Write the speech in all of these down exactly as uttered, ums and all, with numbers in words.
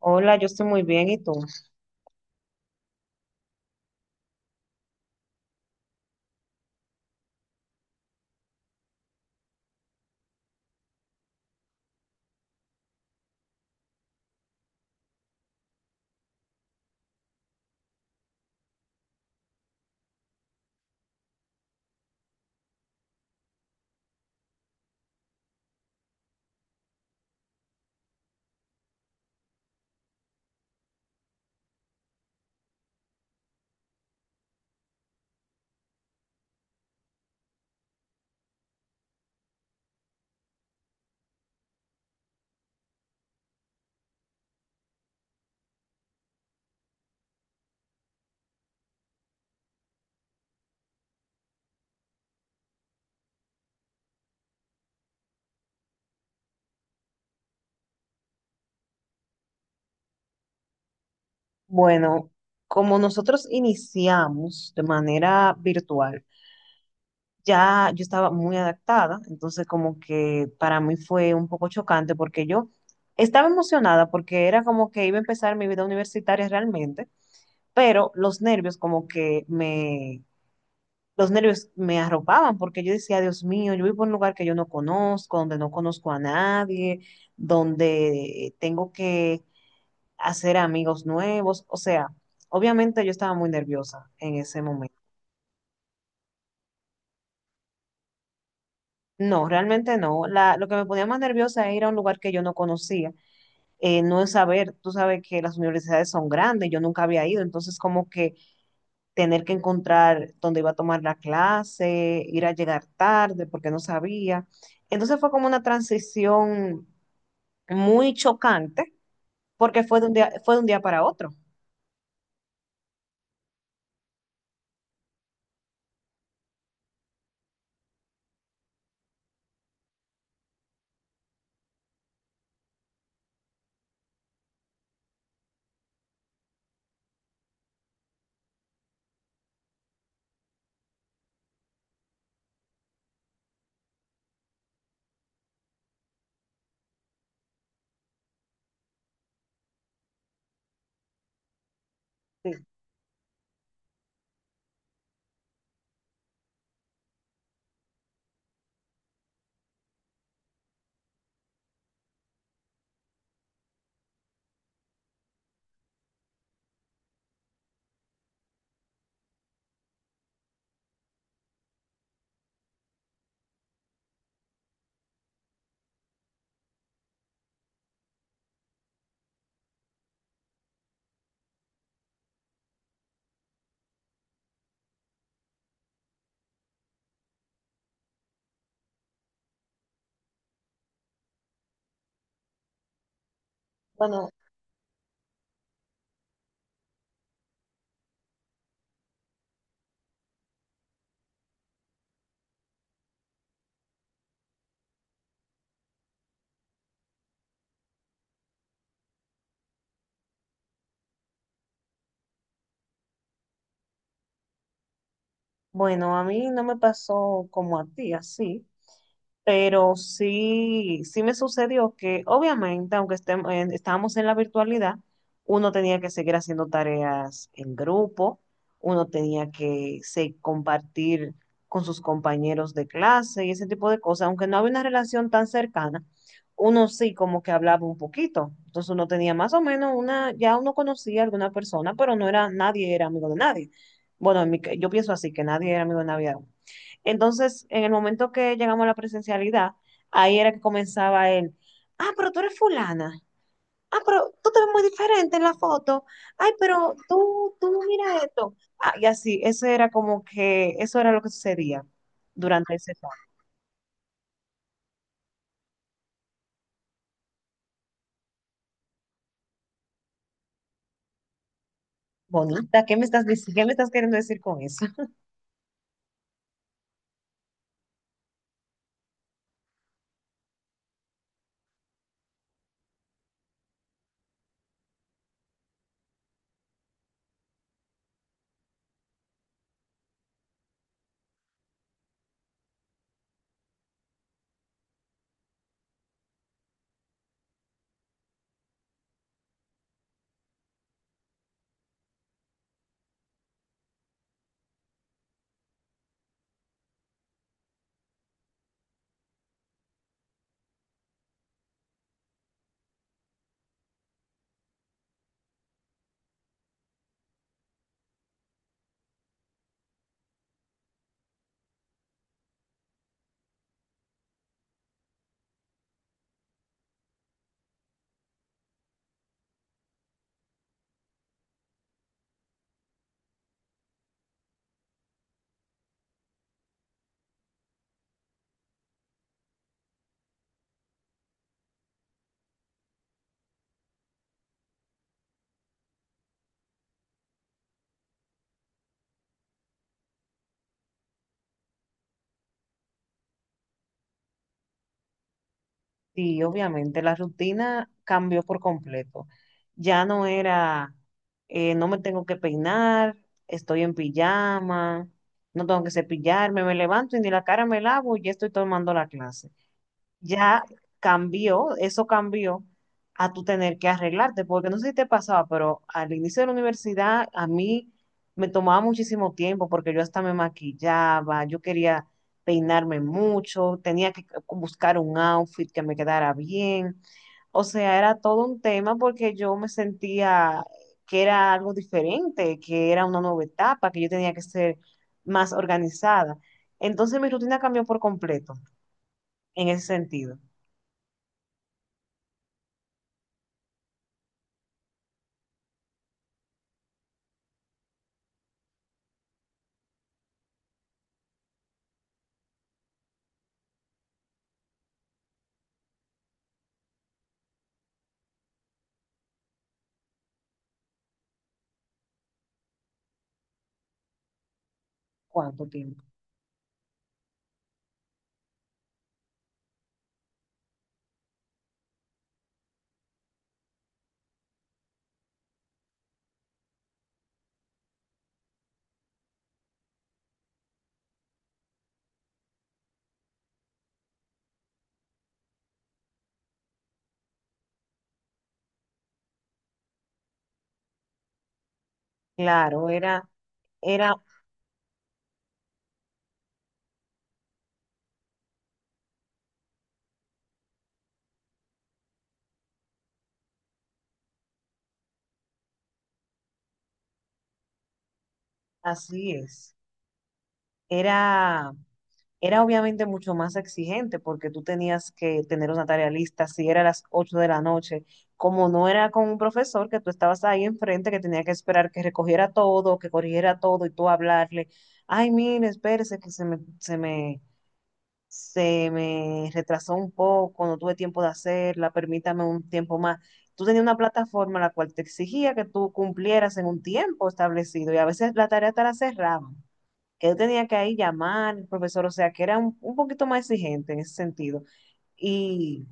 Hola, yo estoy muy bien, ¿y tú? Bueno, como nosotros iniciamos de manera virtual, ya yo estaba muy adaptada, entonces como que para mí fue un poco chocante porque yo estaba emocionada porque era como que iba a empezar mi vida universitaria realmente, pero los nervios como que me, los nervios me arropaban porque yo decía, Dios mío, yo vivo en un lugar que yo no conozco, donde no conozco a nadie, donde tengo que hacer amigos nuevos, o sea, obviamente yo estaba muy nerviosa en ese momento. No, realmente no. La, lo que me ponía más nerviosa era ir a un lugar que yo no conocía, eh, no es saber, tú sabes que las universidades son grandes, yo nunca había ido, entonces como que tener que encontrar dónde iba a tomar la clase, ir a llegar tarde porque no sabía. Entonces fue como una transición muy chocante porque fue de un día, fue de un día para otro. Sí. Bueno, bueno, a mí no me pasó como a ti, así. Pero sí, sí me sucedió que obviamente, aunque estem- en- estábamos en la virtualidad, uno tenía que seguir haciendo tareas en grupo, uno tenía que se- compartir con sus compañeros de clase y ese tipo de cosas, aunque no había una relación tan cercana, uno sí como que hablaba un poquito. Entonces uno tenía más o menos una, ya uno conocía a alguna persona, pero no era, nadie era amigo de nadie. Bueno, en mi ca- yo pienso así, que nadie era amigo de nadie. Entonces, en el momento que llegamos a la presencialidad, ahí era que comenzaba él. Ah, pero tú eres fulana. Ah, pero tú te ves muy diferente en la foto. Ay, pero tú, tú mira esto. Ah, y así, eso era como que, eso era lo que sucedía durante ese tiempo. Bonita, ¿qué me estás diciendo? ¿Qué me estás queriendo decir con eso? Sí, obviamente, la rutina cambió por completo. Ya no era, eh, no me tengo que peinar, estoy en pijama, no tengo que cepillarme, me levanto y ni la cara me lavo y ya estoy tomando la clase, ya cambió, eso cambió a tú tener que arreglarte, porque no sé si te pasaba, pero al inicio de la universidad a mí me tomaba muchísimo tiempo porque yo hasta me maquillaba, yo quería peinarme mucho, tenía que buscar un outfit que me quedara bien. O sea, era todo un tema porque yo me sentía que era algo diferente, que era una nueva etapa, que yo tenía que ser más organizada. Entonces mi rutina cambió por completo en ese sentido. ¿Cuánto tiempo? Claro, era, era, así es. Era, era obviamente mucho más exigente porque tú tenías que tener una tarea lista, si era a las ocho de la noche, como no era con un profesor que tú estabas ahí enfrente, que tenía que esperar que recogiera todo, que corrigiera todo y tú hablarle, ay, mire, espérese que se me, se me se me retrasó un poco, no tuve tiempo de hacerla, permítame un tiempo más. Tú tenías una plataforma la cual te exigía que tú cumplieras en un tiempo establecido y a veces la tarea te la cerraban, que yo tenía que ahí llamar al profesor, o sea, que era un, un poquito más exigente en ese sentido. Y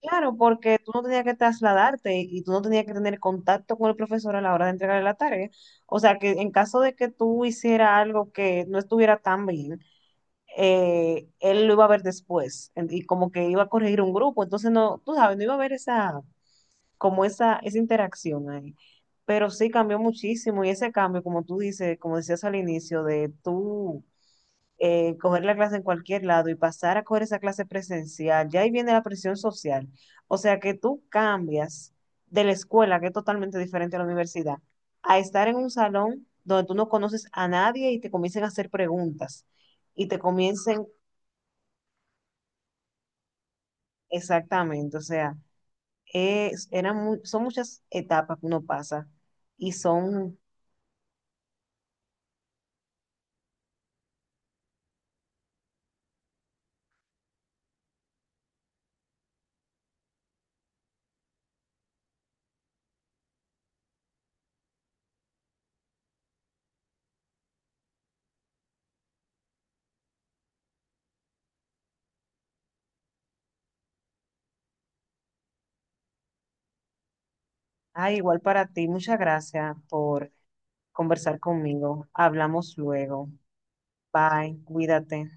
claro, porque tú no tenías que trasladarte y tú no tenías que tener contacto con el profesor a la hora de entregarle la tarea. O sea, que en caso de que tú hicieras algo que no estuviera tan bien, eh, él lo iba a ver después en- y como que iba a corregir un grupo, entonces no, tú sabes, no iba a haber esa, como esa, esa interacción ahí. Pero sí cambió muchísimo y ese cambio, como tú dices, como decías al inicio, de tú eh, coger la clase en cualquier lado y pasar a coger esa clase presencial, ya ahí viene la presión social. O sea que tú cambias de la escuela, que es totalmente diferente a la universidad, a estar en un salón donde tú no conoces a nadie y te comiencen a hacer preguntas y te comiencen. Exactamente, o sea, es, eran mu- son muchas etapas que uno pasa y son, ah, igual para ti, muchas gracias por conversar conmigo. Hablamos luego. Bye, cuídate.